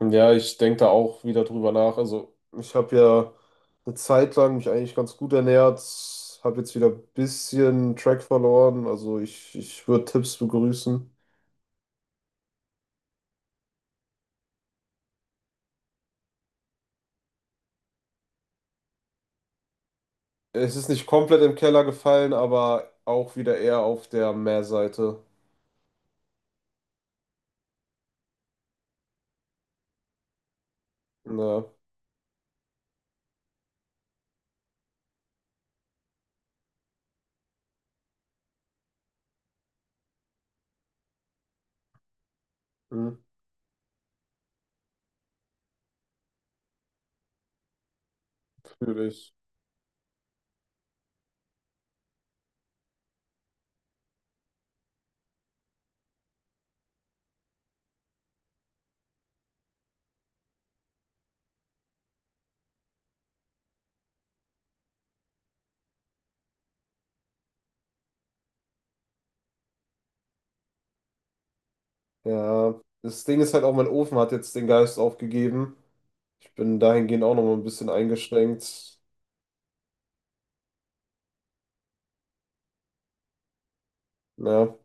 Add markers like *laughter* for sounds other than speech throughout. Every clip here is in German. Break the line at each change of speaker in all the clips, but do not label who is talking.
Ja, ich denke da auch wieder drüber nach. Also, ich habe ja eine Zeit lang mich eigentlich ganz gut ernährt, habe jetzt wieder ein bisschen Track verloren. Also, ich würde Tipps begrüßen. Es ist nicht komplett im Keller gefallen, aber auch wieder eher auf der Mehrseite. Ja, hm, fühle ich. Ja, das Ding ist halt auch, mein Ofen hat jetzt den Geist aufgegeben. Ich bin dahingehend auch noch mal ein bisschen eingeschränkt. Ja.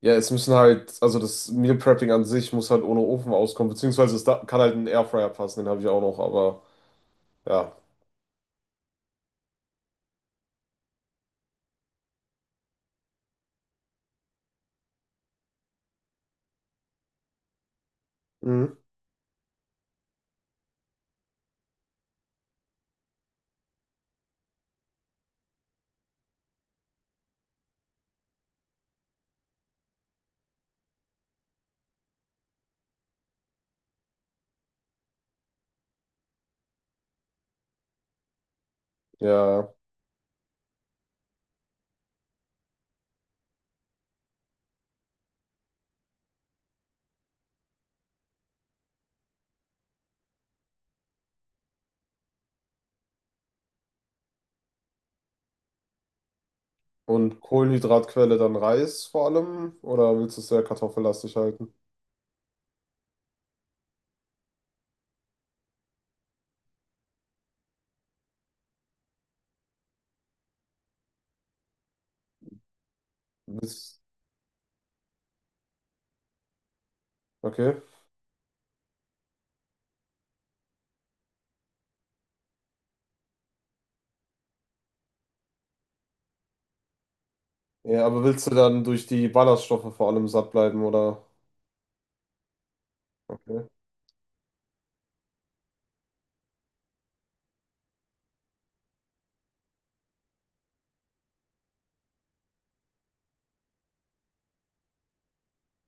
Ja, es müssen halt, also das Meal Prepping an sich muss halt ohne Ofen auskommen, beziehungsweise es da, kann halt ein Airfryer passen, den habe ich auch noch, aber ja. Mhm. Ja. Und Kohlenhydratquelle dann Reis vor allem? Oder willst du es sehr kartoffellastig halten? Willst, okay. Ja, aber willst du dann durch die Ballaststoffe vor allem satt bleiben, oder? Okay.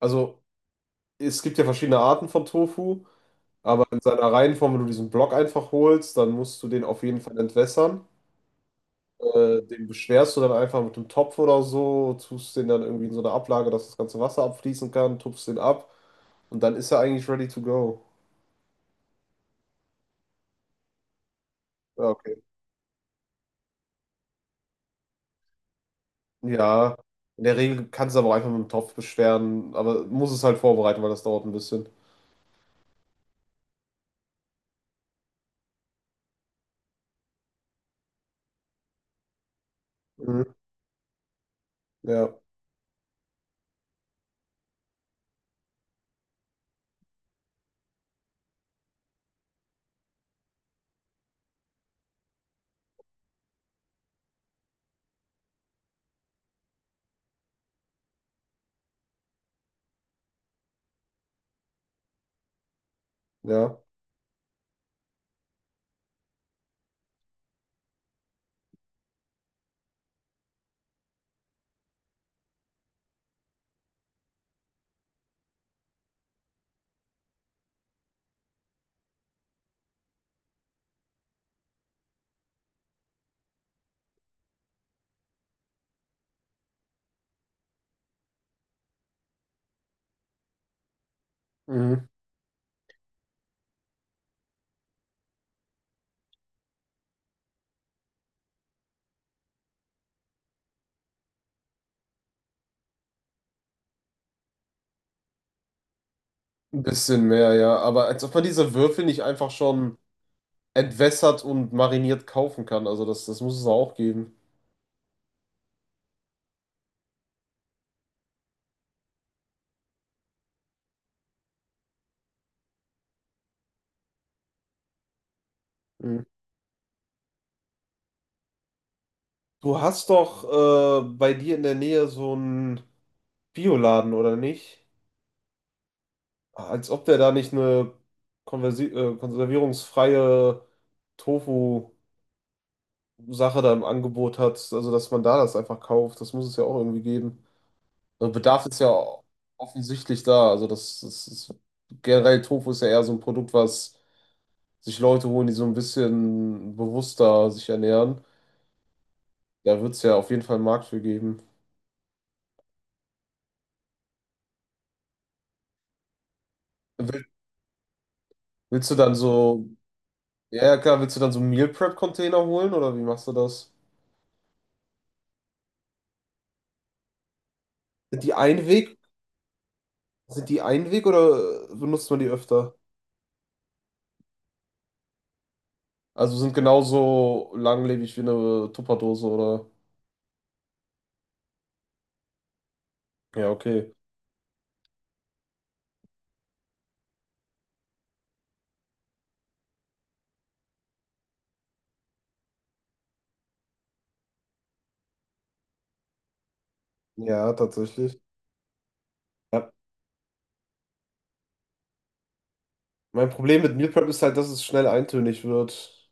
Also, es gibt ja verschiedene Arten von Tofu, aber in seiner reinen Form, wenn du diesen Block einfach holst, dann musst du den auf jeden Fall entwässern. Den beschwerst du dann einfach mit einem Topf oder so, tust den dann irgendwie in so eine Ablage, dass das ganze Wasser abfließen kann, tupfst den ab und dann ist er eigentlich ready to go. Ja, okay. Ja, in der Regel kannst du aber auch einfach mit dem Topf beschweren, aber muss es halt vorbereiten, weil das dauert ein bisschen. Mhm. Ja, ja. Mhm. Ein bisschen mehr, ja. Aber als ob man diese Würfel nicht einfach schon entwässert und mariniert kaufen kann. Also das muss es auch geben. Mhm. Du hast doch bei dir in der Nähe so ein Bioladen oder nicht? Als ob der da nicht eine Konversi konservierungsfreie Tofu-Sache da im Angebot hat, also dass man da das einfach kauft, das muss es ja auch irgendwie geben. Also Bedarf ist ja offensichtlich da, also das ist generell Tofu ist ja eher so ein Produkt, was sich Leute holen, die so ein bisschen bewusster sich ernähren. Da wird es ja auf jeden Fall einen Markt für geben. Will- Willst du dann so, ja ja, klar, willst du dann so Meal Prep Container holen oder wie machst du das? Sind die Einweg Sind die Einweg oder benutzt man die öfter? Also sind genauso langlebig wie eine Tupperdose oder? Ja, okay. Ja, tatsächlich. Ja. Mein Problem mit Meal Prep ist halt, dass es schnell eintönig wird.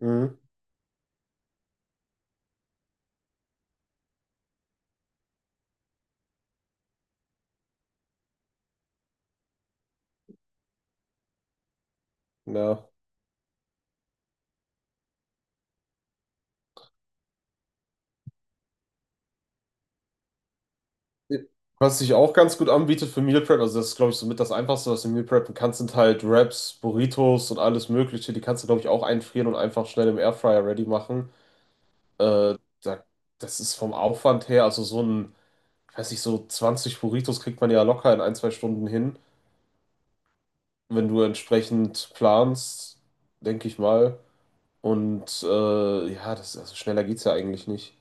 Mhm. Ja. Was sich auch ganz gut anbietet für Meal Prep, also das ist, glaube ich, somit das Einfachste, was du Meal preppen kannst, sind halt Wraps, Burritos und alles Mögliche. Die kannst du, glaube ich, auch einfrieren und einfach schnell im Airfryer ready machen. Äh, da, das ist vom Aufwand her, also so ein ich weiß nicht, so 20 Burritos kriegt man ja locker in ein, zwei Stunden hin, wenn du entsprechend planst, denke ich mal. Und ja, das, also schneller geht's ja eigentlich nicht.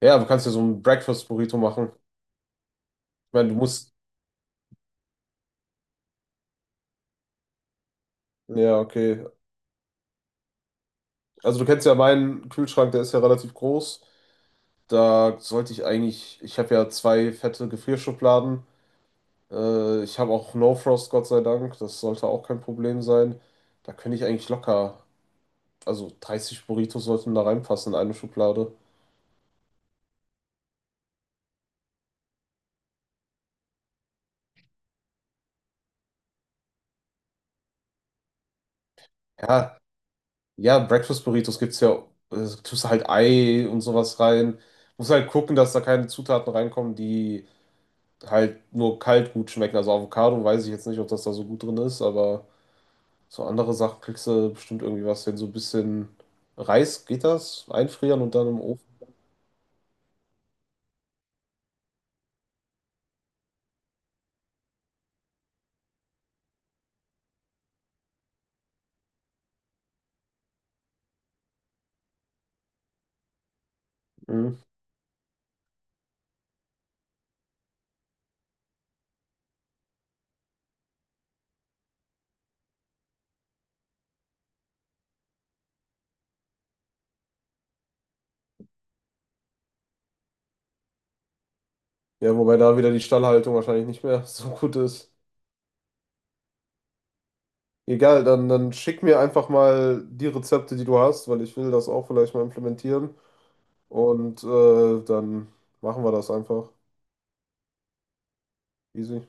Ja, du kannst ja so ein Breakfast-Burrito machen. Ich meine, du musst. Ja, okay. Also du kennst ja meinen Kühlschrank, der ist ja relativ groß. Da sollte ich eigentlich, ich habe ja zwei fette Gefrierschubladen. Ich habe auch No Frost, Gott sei Dank. Das sollte auch kein Problem sein. Da könnte ich eigentlich locker also 30 Burritos sollten da reinpassen in eine Schublade. Ja, ja, Breakfast Burritos gibt's ja, tust halt Ei und sowas rein. Muss halt gucken, dass da keine Zutaten reinkommen, die halt nur kalt gut schmecken. Also Avocado weiß ich jetzt nicht, ob das da so gut drin ist, aber so andere Sachen kriegst du bestimmt irgendwie was hin. So ein bisschen Reis geht das, einfrieren und dann im Ofen. Mhm. Ja, wobei da wieder die Stallhaltung wahrscheinlich nicht mehr *laughs* so gut ist. Egal, dann schick mir einfach mal die Rezepte, die du hast, weil ich will das auch vielleicht mal implementieren. Und dann machen wir das einfach. Easy.